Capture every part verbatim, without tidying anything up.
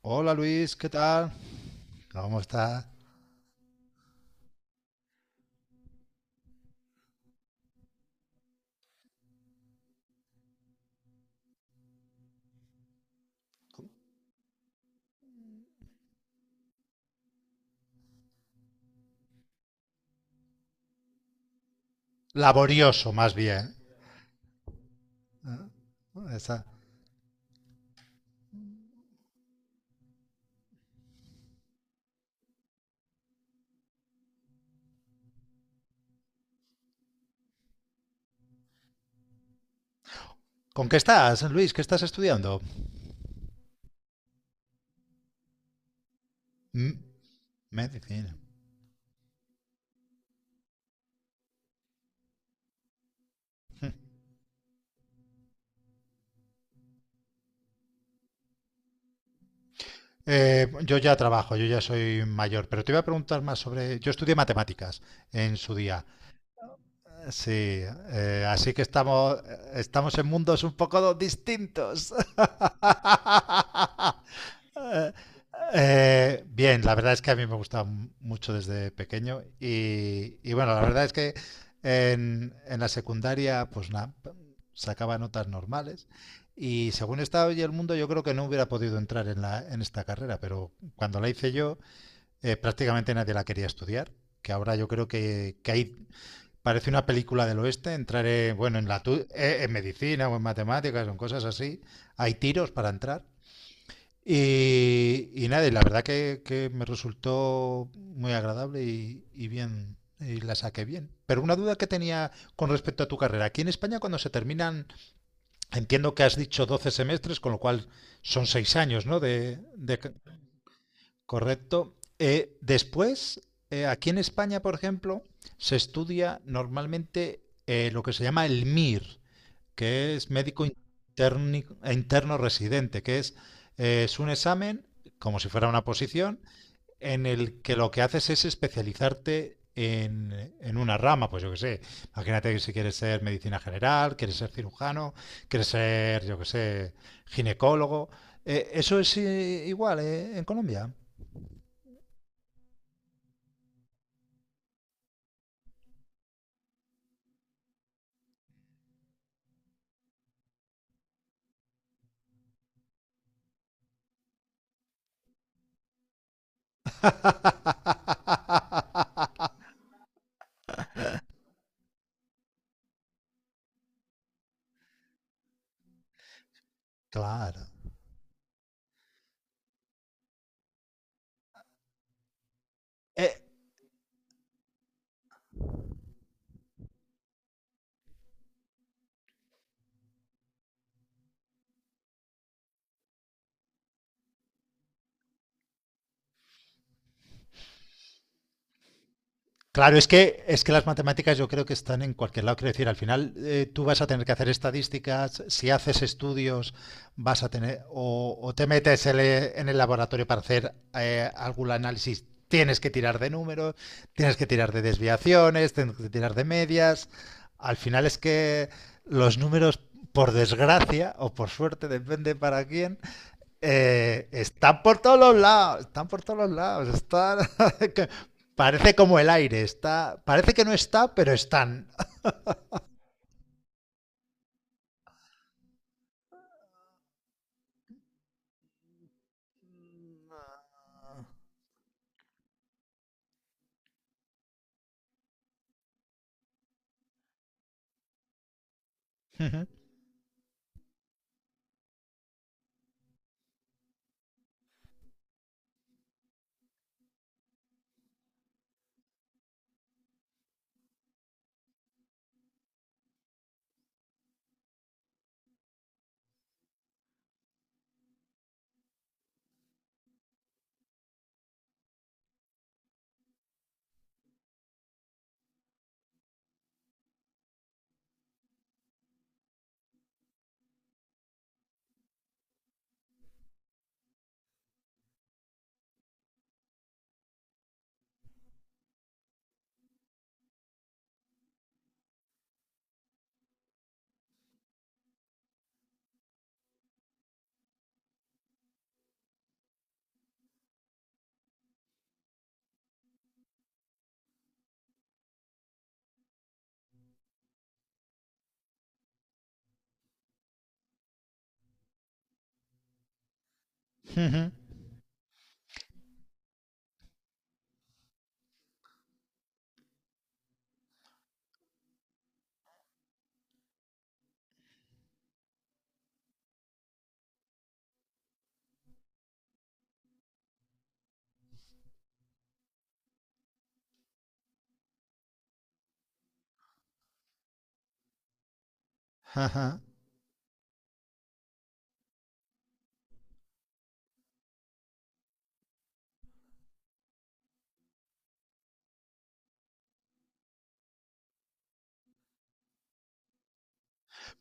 Hola Luis, ¿qué tal? ¿Cómo estás? Laborioso, más bien. Está- ¿Con qué estás, Luis? ¿Qué estás estudiando? Mm. Medicina. Eh, yo ya trabajo, yo ya soy mayor, pero te iba a preguntar más sobre... Yo estudié matemáticas en su día. Sí, eh, así que estamos, estamos en mundos un poco distintos. Eh, eh, Bien, la verdad es que a mí me gusta m- mucho desde pequeño, y, y bueno, la verdad es que en, en la secundaria pues nada, sacaba notas normales, y según está hoy el mundo yo creo que no hubiera podido entrar en la, en esta carrera, pero cuando la hice yo eh, prácticamente nadie la quería estudiar, que ahora yo creo que, que hay. Parece una película del oeste, entraré, bueno, en, la, tu- eh, en medicina o en matemáticas o en cosas así. Hay tiros para entrar. Y, y nada, y la verdad que, que me resultó muy agradable y, y bien, y la saqué bien. Pero una duda que tenía con respecto a tu carrera. Aquí en España cuando se terminan, entiendo que has dicho doce semestres, con lo cual son seis años, ¿no? De, de. Correcto. Eh, después, eh, aquí en España, por ejemplo, se estudia normalmente eh, lo que se llama el M I R, que es médico interni- interno residente, que es, eh, es un examen, como si fuera una posición, en el que lo que haces es especializarte en, en una rama, pues yo que sé, imagínate que si quieres ser medicina general, quieres ser cirujano, quieres ser, yo que sé, ginecólogo. Eh, ¿eso es eh, igual eh, en Colombia? Claro. Eh, claro, es que, es que las matemáticas yo creo que están en cualquier lado. Quiero decir, al final eh, tú vas a tener que hacer estadísticas, si haces estudios, vas a tener, o, o te metes en el- en el laboratorio para hacer eh, algún análisis, tienes que tirar de números, tienes que tirar de desviaciones, tienes que tirar de medias. Al final es que los números, por desgracia o por suerte, depende para quién. Eh, están por todos los lados, están por todos los lados, están... que parece como el aire, está... Parece que no está, pero están. Ujú, ujú, ajá.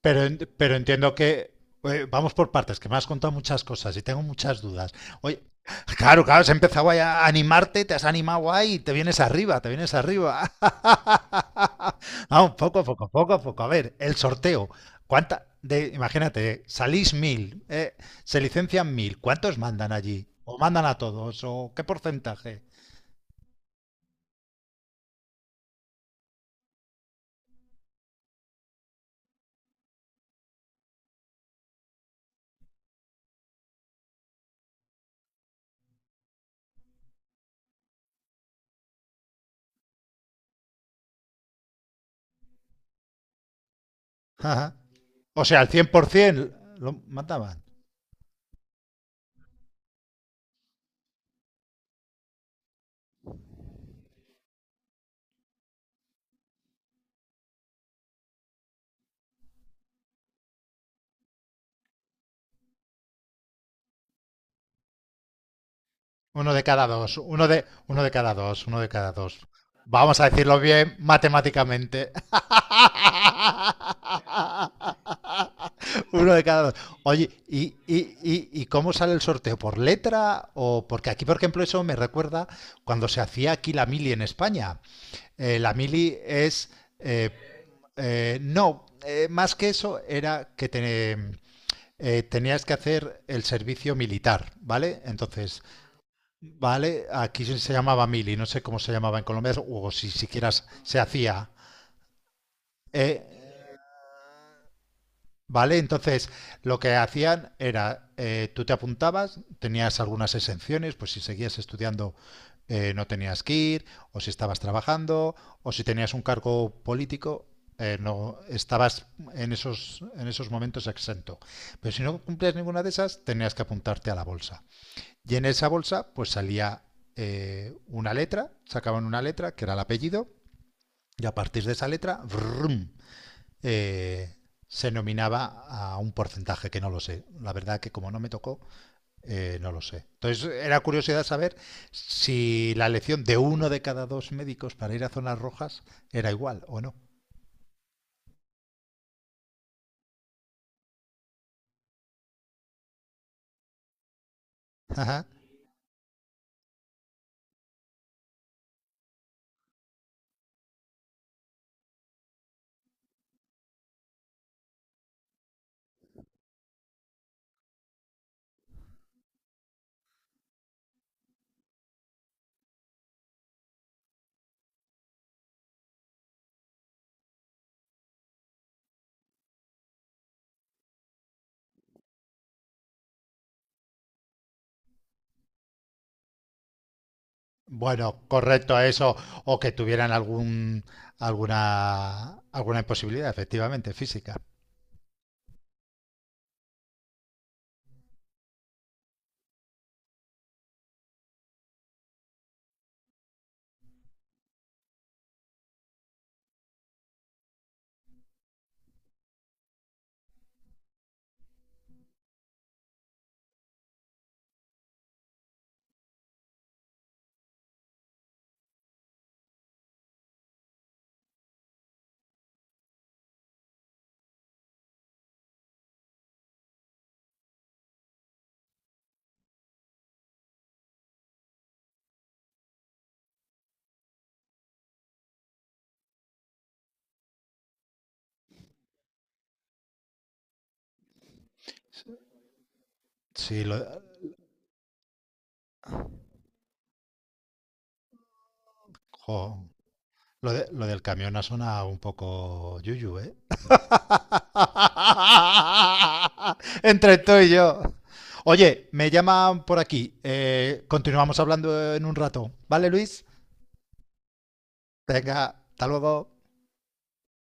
Pero, en- pero entiendo que eh, vamos por partes, que me has contado muchas cosas y tengo muchas dudas. Oye, claro, claro, has empezado ahí a animarte, te has animado ahí y te vienes arriba, te vienes arriba. Vamos, poco a poco, poco a poco. A ver, el sorteo. ¿Cuánta? De, imagínate, salís mil, eh, se licencian mil. ¿Cuántos mandan allí? ¿O mandan a todos? ¿O qué porcentaje? Ajá. O sea, el cien por ciento lo mandaban. Uno de cada dos, uno de, uno de cada dos, uno de cada dos. Vamos a decirlo bien matemáticamente. Uno de cada dos. Oye, ¿y, y, y, y cómo sale el sorteo? ¿Por letra? O porque aquí, por ejemplo, eso me recuerda cuando se hacía aquí la mili en España. Eh, la mili es... eh, eh, no, eh, más que eso era que te- eh, tenías que hacer el servicio militar, ¿vale? Entonces, ¿vale? Aquí se llamaba mili, no sé cómo se llamaba en Colombia, o si siquiera se hacía. eh, ¿Vale? Entonces, lo que hacían era, eh, tú te apuntabas, tenías algunas exenciones, pues si seguías estudiando eh, no tenías que ir, o si estabas trabajando, o si tenías un cargo político. Eh, no estabas en esos, en esos momentos exento, pero si no cumplías ninguna de esas tenías que apuntarte a la bolsa. Y en esa bolsa pues salía eh, una letra, sacaban una letra que era el apellido, y a partir de esa letra brum, eh, se nominaba a un porcentaje que no lo sé. La verdad que como no me tocó, eh, no lo sé. Entonces era curiosidad saber si la elección de uno de cada dos médicos para ir a zonas rojas era igual o no. Ajá. Bueno, correcto a eso, o que tuvieran algún, alguna, alguna imposibilidad, efectivamente, física. Sí, lo. Jo, lo, de- lo del camión ha sonado un poco yuyu, ¿eh? Entre tú y yo. Oye, me llaman por aquí. Eh, continuamos hablando en un rato. ¿Vale, Luis? Venga, hasta luego.